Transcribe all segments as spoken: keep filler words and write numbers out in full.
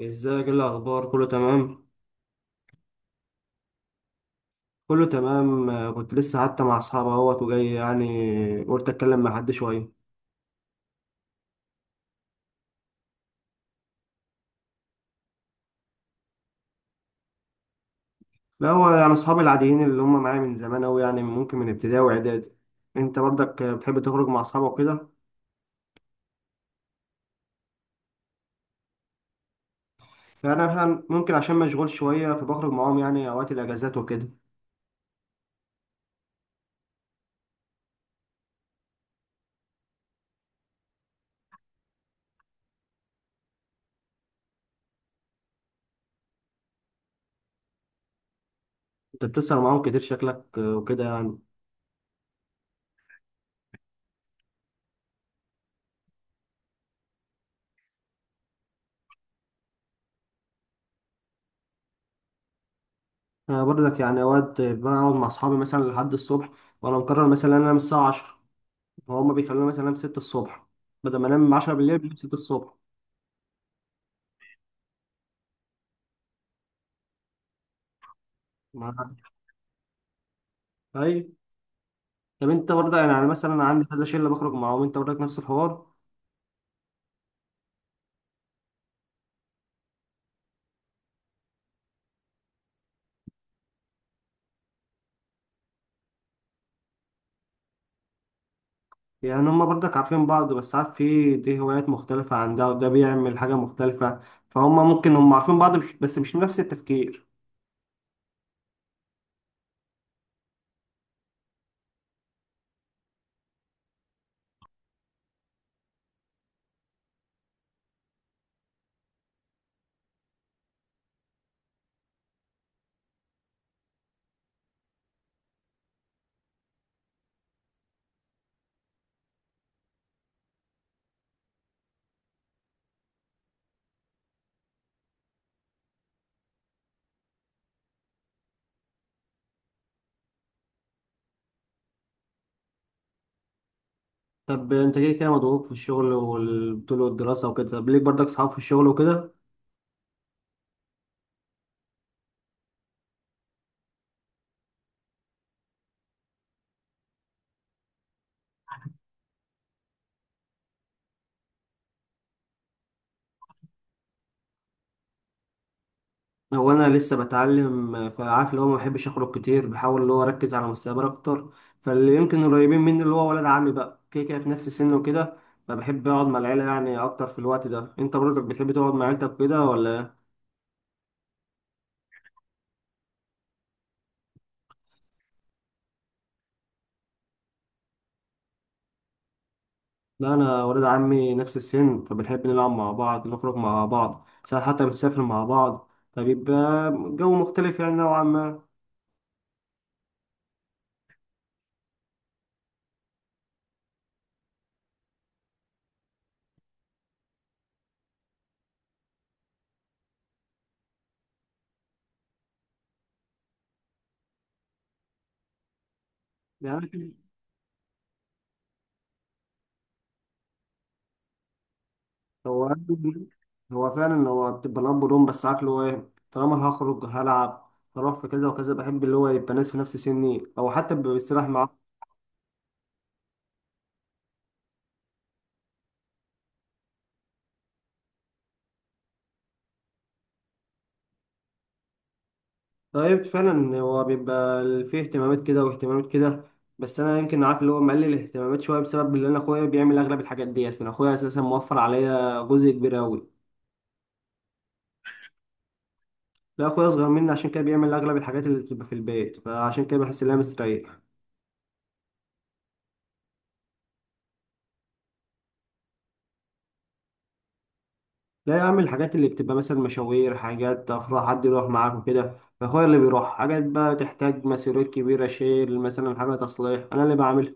ازيك، ايه الاخبار؟ كله تمام؟ كله تمام. آه، كنت لسه حتى مع اصحابي اهوت وجاي، يعني قلت اتكلم مع حد شويه. لا هو يعني اصحابي العاديين اللي هم معايا من زمان اوي، يعني ممكن من ابتدائي واعدادي. انت برضك آه، بتحب تخرج مع اصحابك وكده؟ يعني انا مثلاً ممكن عشان مشغول شويه، فبخرج معاهم يعني اوقات الاجازات وكده. انت بتسهر معاهم كتير شكلك آه، وكده يعني؟ انا برضك يعني اوقات آه، بقعد مع اصحابي مثلا لحد الصبح، وانا مقرر مثلا ان انا انام الساعه عشرة، وهم بيخلوني مثلا انام ستة الصبح. بدل ما انام عشرة بالليل بنام ستة الصبح. ما. اي. طب انت برضه يعني انا مثلا عندي كذا شله بخرج معاهم، انت برضك نفس الحوار؟ يعني هما برضك عارفين بعض، بس عارف في دي هوايات مختلفه عن ده، وده بيعمل حاجه مختلفه، فهم ممكن هم عارفين بعض مش بس مش نفس التفكير. طب انت كده كده مضغوط في الشغل والبطوله والدراسه وكده، طب ليك برضك صحاب في الشغل وكده؟ هو انا لسه بتعلم، فعارف اللي هو ما بحبش اخرج كتير، بحاول اللي هو اركز على مستقبلي اكتر. فاللي يمكن قريبين مني اللي هو ولد عمي، بقى كده كده في نفس السن وكده، فبحب اقعد مع العيله يعني اكتر في الوقت ده. انت برضك بتحب تقعد مع عيلتك كده ولا؟ لا، انا ولد عمي نفس السن فبنحب نلعب مع بعض، نخرج مع بعض ساعات، حتى بنسافر مع بعض، فبيبقى جو مختلف يعني نوعا ما. يعني هو عنده- هو فعلا هو بتبقى الاب والام، بس عارف اللي هو ايه، طالما أنا هخرج هلعب هروح في كذا وكذا، بحب اللي هو يبقى ناس في نفس سني او حتى بيستريح معاه. طيب فعلا هو بيبقى فيه اهتمامات كده واهتمامات كده، بس انا يمكن عارف اللي هو مقلل الاهتمامات شويه بسبب اللي انا اخويا بيعمل اغلب الحاجات ديت، فانا اخويا اساسا موفر عليا جزء كبير قوي. لا اخويا اصغر مني، عشان كده بيعمل اغلب الحاجات اللي بتبقى في البيت، فعشان كده بحس ان انا مستريح. لا يا عم، الحاجات اللي بتبقى مثلا مشاوير، حاجات افراح حد يروح معاك وكده، فاخويا اللي بيروح. حاجات بقى تحتاج مسيرات كبيره، شيل، مثلا حاجه تصليح، انا اللي بعملها.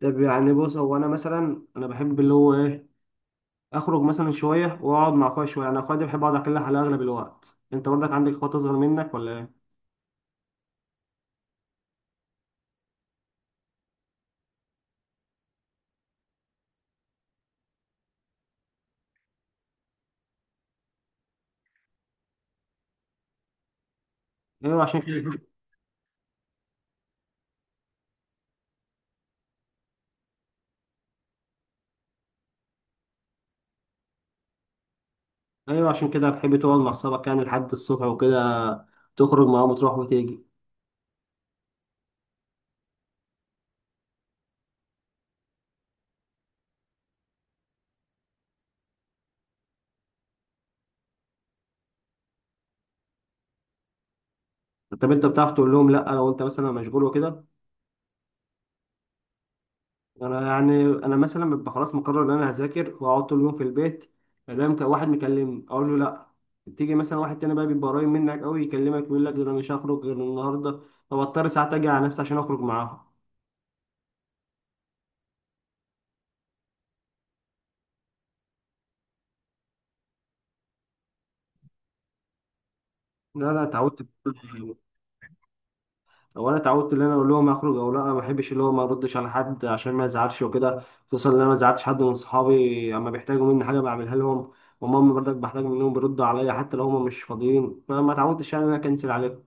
طب يعني بص، هو انا مثلا انا بحب اللي هو ايه، اخرج مثلا شويه واقعد مع اخويا شويه. انا اخويا ده بحب اقعد اكلها على اغلب الوقت. انت برضك عندك اخوات اصغر منك ولا ايه؟ ايوه، عشان كده. ايوه، عشان كده بحب تقعد مع اصحابك يعني لحد الصبح وكده، تخرج معاهم وتروح وتيجي؟ طب انت بتعرف تقول لهم لا لو انت مثلا مشغول وكده؟ انا يعني انا مثلا ببقى خلاص مقرر ان انا هذاكر واقعد طول اليوم في البيت، الاقي واحد مكلمني اقول له لا. تيجي مثلا واحد تاني بقى بيبقى قريب منك قوي يكلمك يقول لك ده انا مش هخرج غير النهارده، فبضطر ساعات اجي على نفسي عشان اخرج معاهم. لا، انا اتعودت بكل حاجة. او انا اتعودت ان انا اقول لهم هخرج او لا، ما بحبش اللي هو ما اردش على حد عشان ما ازعلش وكده. خصوصا ان انا ما ازعلتش حد من صحابي، اما بيحتاجوا مني حاجه بعملها لهم، وماما برضك بحتاج منهم بيردوا عليا حتى لو هم مش فاضيين، فما اتعودتش يعني ان انا اكنسل عليهم.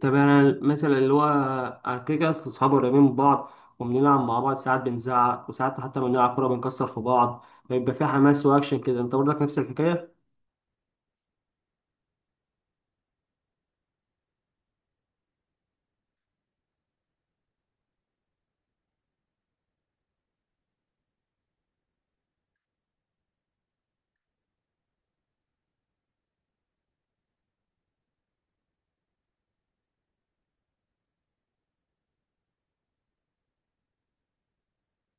طب انا مثلا اللي هو أنا كده كده، اصل اصحابي قريبين من بعض، وبنلعب مع بعض ساعات بنزعق، وساعات حتى بنلعب كوره بنكسر في بعض، بيبقى في حماس واكشن كده. انت برضك نفس الحكايه؟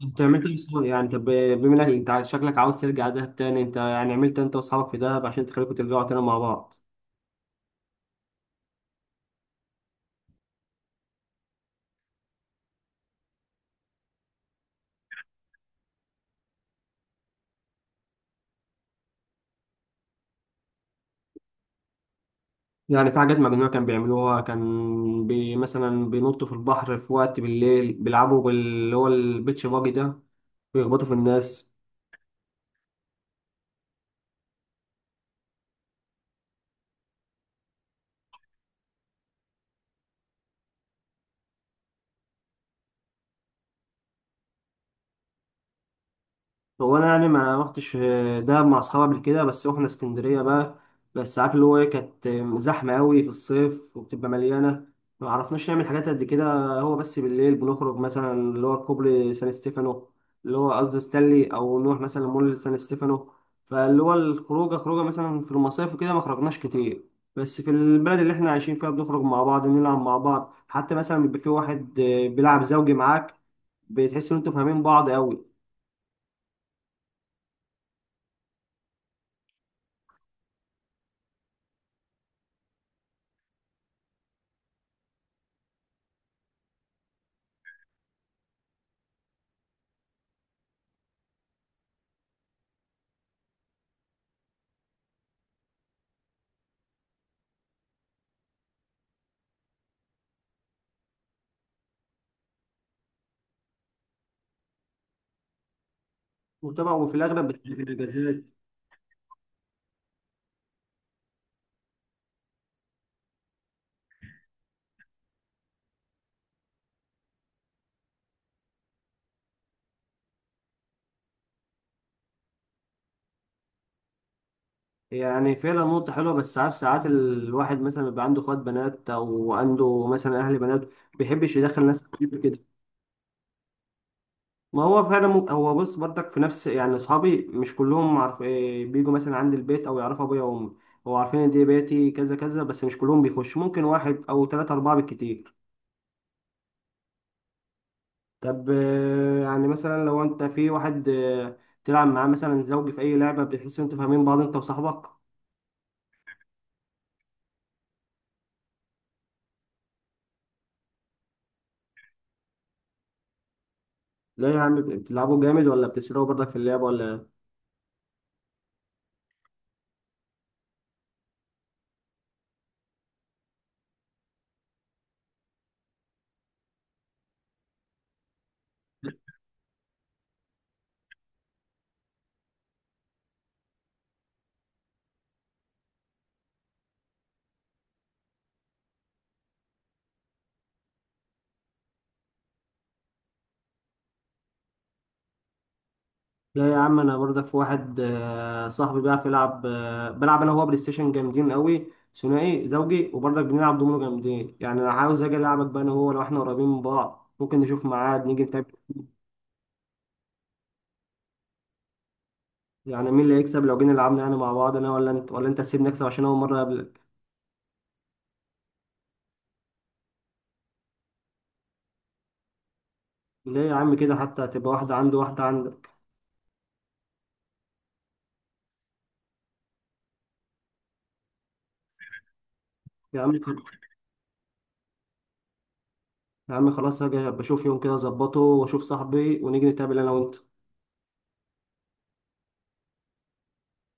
انت عملت ايه بصحابك؟ يعني طب بما انك انت عايز- شكلك عاوز ترجع دهب تاني، انت يعني عملت انت واصحابك في دهب عشان تخليكم ترجعوا تاني مع بعض؟ يعني في حاجات مجنونه كان بيعملوها، كان بي مثلا بينطوا في البحر في وقت بالليل، بيلعبوا باللي هو البيتش باجي ده، بيخبطوا في الناس. هو انا يعني ما رحتش دهب مع اصحابي قبل كده، بس رحنا اسكندريه بقى. بس عارف اللي هو ايه، كانت زحمه قوي في الصيف وبتبقى مليانه، ما عرفناش نعمل حاجات قد كده. هو بس بالليل بنخرج مثلا اللي هو كوبري سان ستيفانو، اللي هو قصدي ستانلي، او نروح مثلا مول سان ستيفانو. فاللي هو الخروجه خروجه مثلا في المصايف وكده ما خرجناش كتير، بس في البلد اللي احنا عايشين فيها بنخرج مع بعض نلعب مع بعض، حتى مثلا بيبقى في واحد بيلعب زوجي معاك، بتحس ان انتوا فاهمين بعض قوي. وطبعا وفي الاغلب بتبقى في الاجازات. يعني فعلا نقطة حلوة، بس عارف ساعات الواحد مثلا بيبقى عنده اخوات بنات او عنده مثلا اهل بنات، ما بيحبش يدخل ناس كتير كده. ما هو فعلا ممكن، هو بص برضك في نفس يعني اصحابي مش كلهم، عارف إيه، بيجوا مثلا عند البيت او يعرفوا ابويا وامي. هو عارفين ان دي بيتي كذا كذا، بس مش كلهم بيخش، ممكن واحد او ثلاثة اربعة بالكتير. طب آه، يعني مثلا لو انت في واحد آه، تلعب معاه مثلا زوجي في اي لعبة، بتحس ان انتوا فاهمين بعض انت وصاحبك؟ لا يا عم، بتلعبوا جامد ولا بتسرقوا برضك في اللعب ولا إيه؟ لا يا عم، انا برضك في واحد آه، صاحبي بيعرف يلعب، آه، بلعب انا وهو بلاي ستيشن جامدين قوي ثنائي زوجي، وبرضك بنلعب دومينو جامدين. يعني انا عاوز اجي العبك بقى انا وهو، لو احنا قريبين من بعض ممكن نشوف ميعاد نيجي نتقابل. يعني مين اللي هيكسب لو جينا لعبنا يعني مع بعض، انا ولا انت؟ ولا انت تسيبني اكسب عشان اول مره اقابلك؟ ليه يا عم كده، حتى هتبقى واحده عندي واحده عندك. يا عم، يا عم خلاص، هاجي بشوف يوم كده اظبطه واشوف صاحبي ونيجي نتقابل انا وانت.